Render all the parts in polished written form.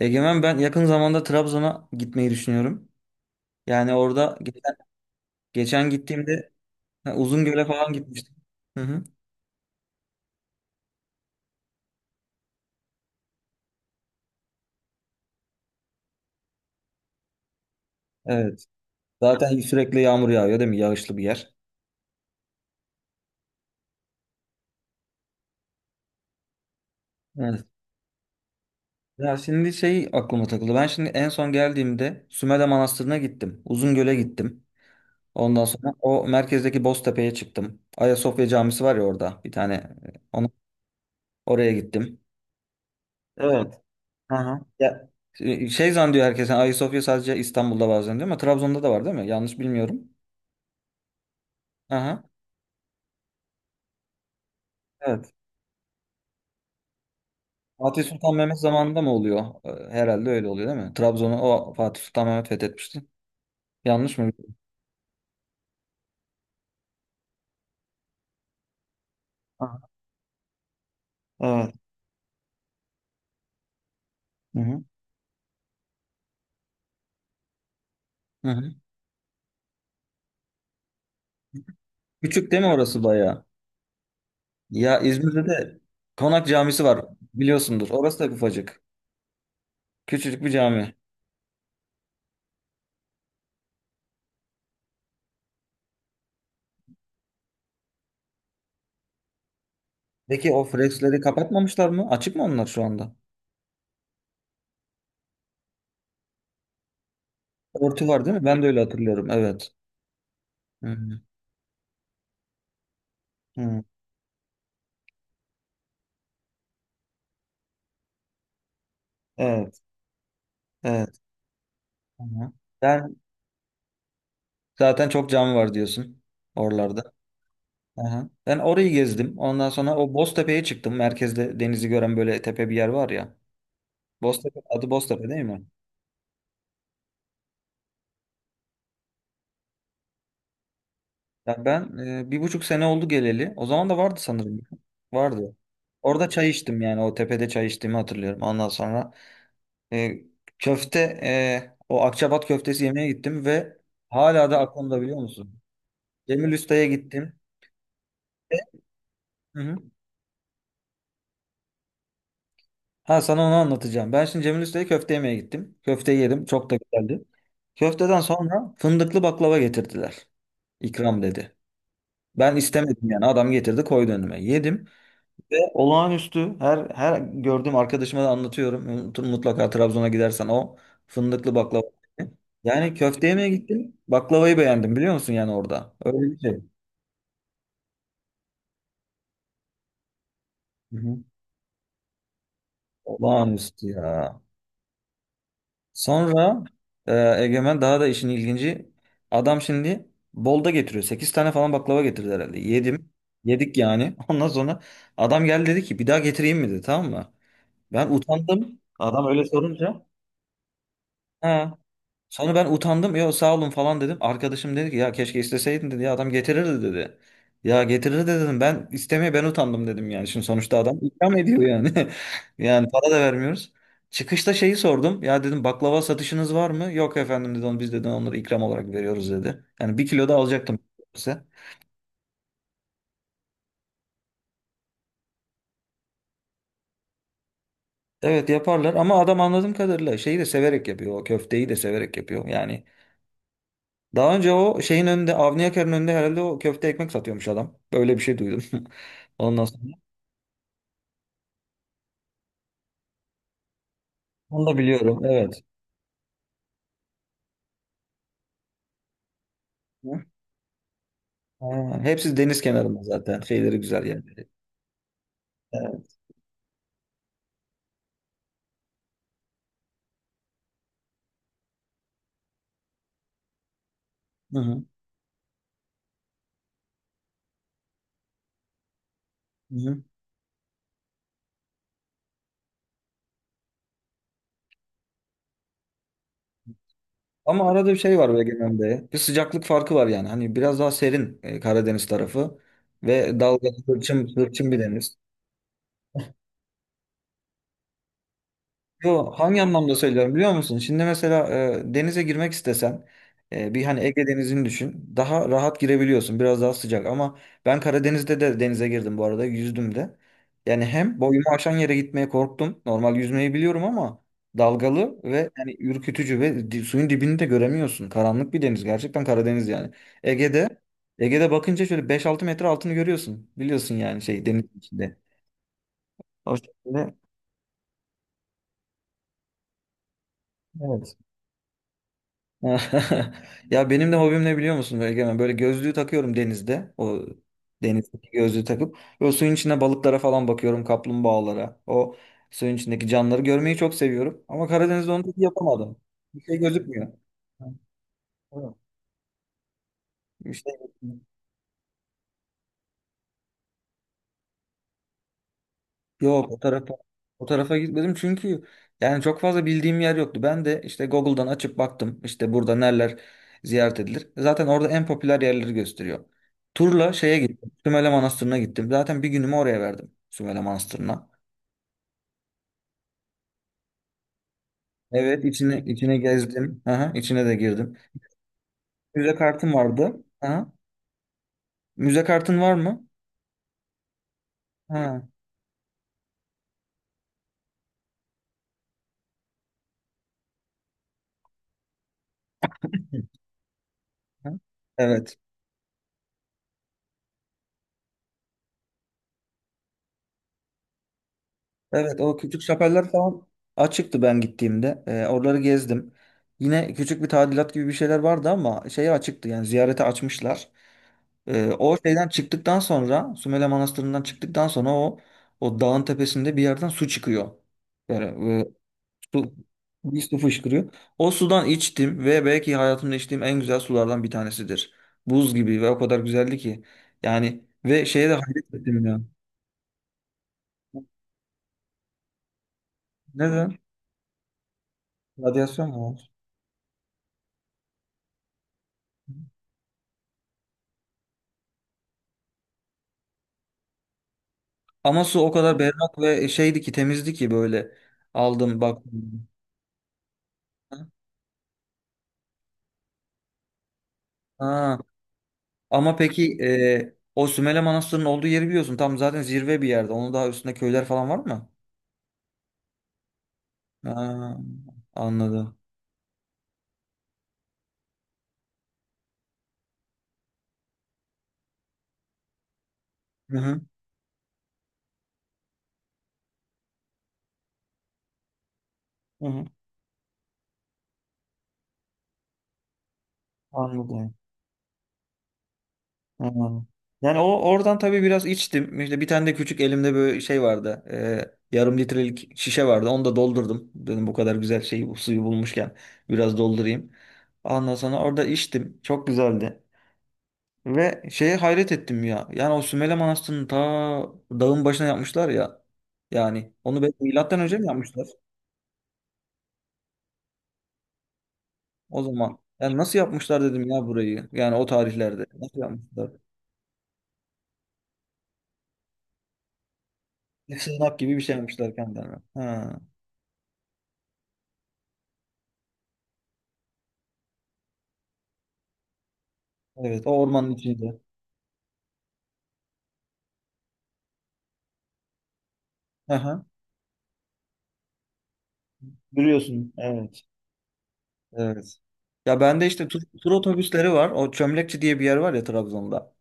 Egemen ben yakın zamanda Trabzon'a gitmeyi düşünüyorum. Yani orada geçen gittiğimde ha, Uzungöl'e falan gitmiştim. Hı hı. Evet. Zaten sürekli yağmur yağıyor değil mi? Yağışlı bir yer. Evet. Ya şimdi şey aklıma takıldı. Ben şimdi en son geldiğimde Sümele Manastırı'na gittim. Uzungöl'e gittim. Ondan sonra o merkezdeki Boztepe'ye çıktım. Ayasofya Camisi var ya orada bir tane. Onu, oraya gittim. Evet. Aha. Ya, şey zannediyor herkes. Yani Ayasofya sadece İstanbul'da bazen diyor ama Trabzon'da da var değil mi? Yanlış bilmiyorum. Aha. Evet. Fatih Sultan Mehmet zamanında mı oluyor? Herhalde öyle oluyor değil mi? Trabzon'u o Fatih Sultan Mehmet fethetmişti. Yanlış mı? Aha. Evet. Hı hı. Hı hı. Küçük değil mi orası bayağı? Ya İzmir'de de Konak Camisi var. Biliyorsundur. Orası da ufacık. Küçücük bir cami. Peki o freksleri kapatmamışlar mı? Açık mı onlar şu anda? Örtü var değil mi? Ben de öyle hatırlıyorum. Evet. Hı hı. Hı. Evet. Evet. Hı hı. Sen zaten çok cami var diyorsun oralarda. Hı. Ben orayı gezdim. Ondan sonra o Boztepe'ye çıktım. Merkezde denizi gören böyle tepe bir yer var ya. Boztepe, adı Boztepe değil mi? Ya ben bir buçuk sene oldu geleli. O zaman da vardı sanırım. Vardı. Orada çay içtim yani o tepede çay içtiğimi hatırlıyorum. Ondan sonra e, köfte o Akçabat köftesi yemeye gittim ve hala da aklımda biliyor musun? Cemil Usta'ya gittim. Hı hı. Ha, sana onu anlatacağım. Ben şimdi Cemil Usta'ya köfte yemeye gittim. Köfte yedim. Çok da güzeldi. Köfteden sonra fındıklı baklava getirdiler. İkram dedi. Ben istemedim yani. Adam getirdi koydu önüme. Yedim. Ve olağanüstü, her gördüğüm arkadaşıma da anlatıyorum. Mutlaka Trabzon'a gidersen o fındıklı baklava. Yani köfte yemeye gittim. Baklavayı beğendim biliyor musun yani orada. Öyle bir şey. Hı hı. Olağanüstü ya. Sonra e, Egemen daha da işin ilginci. Adam şimdi bolda getiriyor. Sekiz tane falan baklava getirdi herhalde. Yedim. Yedik yani. Ondan sonra adam geldi dedi ki bir daha getireyim mi dedi tamam mı? Ben utandım. Adam öyle sorunca. Ha, sonra ben utandım. Ya sağ olun falan dedim. Arkadaşım dedi ki ya keşke isteseydin dedi. Ya adam getirirdi dedi. Ya getirirdi dedim. Ben utandım dedim yani. Şimdi sonuçta adam ikram ediyor yani. Yani para da vermiyoruz. Çıkışta şeyi sordum. Ya dedim baklava satışınız var mı? Yok efendim dedi. "Onu- Biz dedi onları ikram olarak veriyoruz dedi. Yani bir kilo da alacaktım size. Evet yaparlar ama adam anladığım kadarıyla şeyi de severek yapıyor. O köfteyi de severek yapıyor. Yani daha önce o şeyin önünde, Avni Yakar'ın önünde herhalde o köfte ekmek satıyormuş adam. Böyle bir şey duydum. Ondan sonra. Onu da biliyorum. Evet. Hı? Ha, hepsi deniz kenarında zaten. Şeyleri güzel yerleri. Evet. Hı hı. Hı hı. Ama arada bir şey var Egemen'de. Bir sıcaklık farkı var yani. Hani biraz daha serin Karadeniz tarafı. Ve dalgalı, hırçın, hırçın bir deniz. Yo, hangi anlamda söylüyorum biliyor musun? Şimdi mesela denize girmek istesen bir hani Ege Denizi'ni düşün. Daha rahat girebiliyorsun. Biraz daha sıcak ama ben Karadeniz'de de denize girdim bu arada. Yüzdüm de. Yani hem boyumu aşan yere gitmeye korktum. Normal yüzmeyi biliyorum ama dalgalı ve yani ürkütücü ve suyun dibini de göremiyorsun. Karanlık bir deniz. Gerçekten Karadeniz yani. Ege'de Ege'de bakınca şöyle 5-6 metre altını görüyorsun. Biliyorsun yani şey denizin içinde. O şekilde. Evet. Ya benim de hobim ne biliyor musun Egemen? Böyle gözlüğü takıyorum denizde. O denizdeki gözlüğü takıp. Ve o suyun içinde balıklara falan bakıyorum. Kaplumbağalara. O suyun içindeki canlıları görmeyi çok seviyorum. Ama Karadeniz'de onu pek yapamadım. Bir şey gözükmüyor. Evet. Bir şey. Gözükmüyor. Yok o tarafa gitmedim çünkü yani çok fazla bildiğim yer yoktu. Ben de işte Google'dan açıp baktım işte burada neler ziyaret edilir. Zaten orada en popüler yerleri gösteriyor. Turla şeye gittim. Sümele Manastırı'na gittim. Zaten bir günümü oraya verdim. Sümele Manastırı'na. Evet içine gezdim. Aha, içine de girdim. Müze kartım vardı. Aha. Müze kartın var mı? Ha. Ha. Evet. Evet o küçük şapeller falan açıktı ben gittiğimde. Oraları gezdim. Yine küçük bir tadilat gibi bir şeyler vardı ama şeye açıktı yani ziyarete açmışlar. O şeyden çıktıktan sonra Sümele Manastırı'ndan çıktıktan sonra o dağın tepesinde bir yerden su çıkıyor. Yani su, bir su fışkırıyor. O sudan içtim ve belki hayatımda içtiğim en güzel sulardan bir tanesidir. Buz gibi ve o kadar güzeldi ki. Yani ve şeye de hayret ettim ya. Neden? Radyasyon mu? Ama su o kadar berrak ve şeydi ki temizdi ki böyle aldım baktım. Ha. Ama peki o Sümele Manastırı'nın olduğu yeri biliyorsun. Tam zaten zirve bir yerde. Onun daha üstünde köyler falan var mı? Ha, anladım. Hı hı. Hı hı. Anladım. Anladım. Yani o oradan tabii biraz içtim. İşte bir tane de küçük elimde böyle şey vardı. Yarım litrelik şişe vardı. Onu da doldurdum. Dedim bu kadar güzel şeyi bu suyu bulmuşken biraz doldurayım. Ondan sonra orada içtim. Çok güzeldi. Ve şeye hayret ettim ya. Yani o Sümele Manastırı'nı ta dağın başına yapmışlar ya. Yani onu belki milattan önce mi yapmışlar? O zaman. Yani nasıl yapmışlar dedim ya burayı. Yani o tarihlerde. Nasıl yapmışlar? Bir sığınak gibi bir şey yapmışlar kendilerine. Ha, evet. O ormanın içinde. Aha, yürüyorsun. Evet. Evet. Ya bende işte tur otobüsleri var. O Çömlekçi diye bir yer var ya Trabzon'da.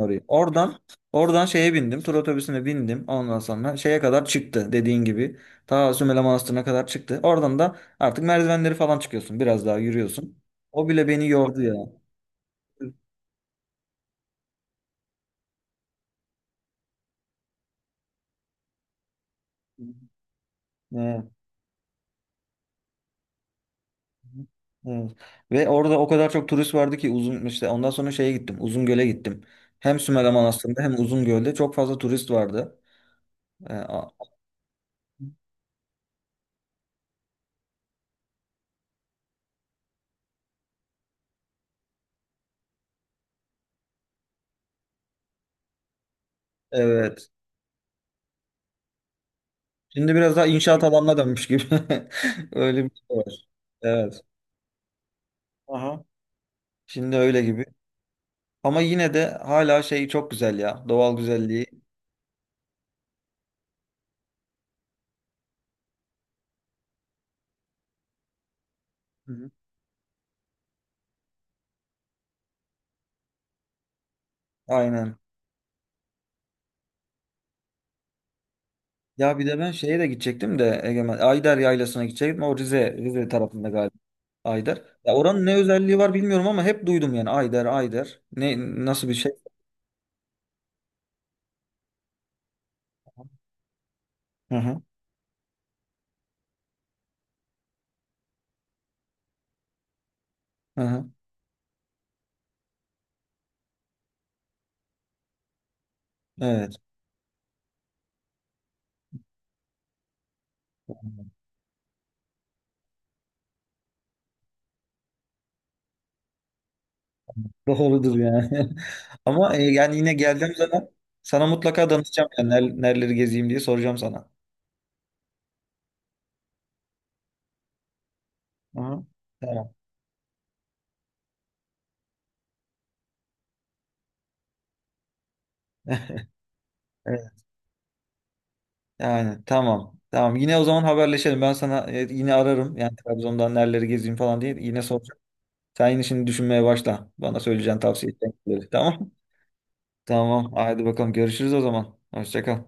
Orayı. Oradan şeye bindim. Tur otobüsüne bindim. Ondan sonra şeye kadar çıktı dediğin gibi. Ta Sümele Manastırı'na kadar çıktı. Oradan da artık merdivenleri falan çıkıyorsun. Biraz daha yürüyorsun. O bile beni yordu ya. Evet. Evet. Ve orada o kadar çok turist vardı ki uzun işte ondan sonra şeye gittim. Uzungöl'e gittim. Hem Sümele Manastırı'nda hem Uzungöl'de çok fazla turist vardı. Ee, a- evet. Şimdi biraz daha inşaat alanına dönmüş gibi. Öyle bir şey var. Evet. Aha. Şimdi öyle gibi. Ama yine de hala şey çok güzel ya. Doğal güzelliği. Hı hı. Aynen. Ya bir de ben şeye de gidecektim de Egemen. Ayder Yaylası'na gidecektim. O Rize tarafında galiba Ayder. Ya oranın ne özelliği var bilmiyorum ama hep duydum yani Ayder, Ayder. Nasıl bir şey? Hı hı. Hı hı. Evet. Doğrudur yani. Ama yani yine geldiğim zaman sana mutlaka danışacağım yani nereleri gezeyim diye soracağım sana. Hı hı. Tamam. Evet. Yani tamam. Tamam. Yine o zaman haberleşelim. Ben sana yine ararım. Yani Trabzon'dan nereleri gezeyim falan diye yine soracağım. Sen yine şimdi düşünmeye başla. Bana söyleyeceğin tavsiye edeceğin Tamam. Tamam. Hadi bakalım. Görüşürüz o zaman. Hoşça kal.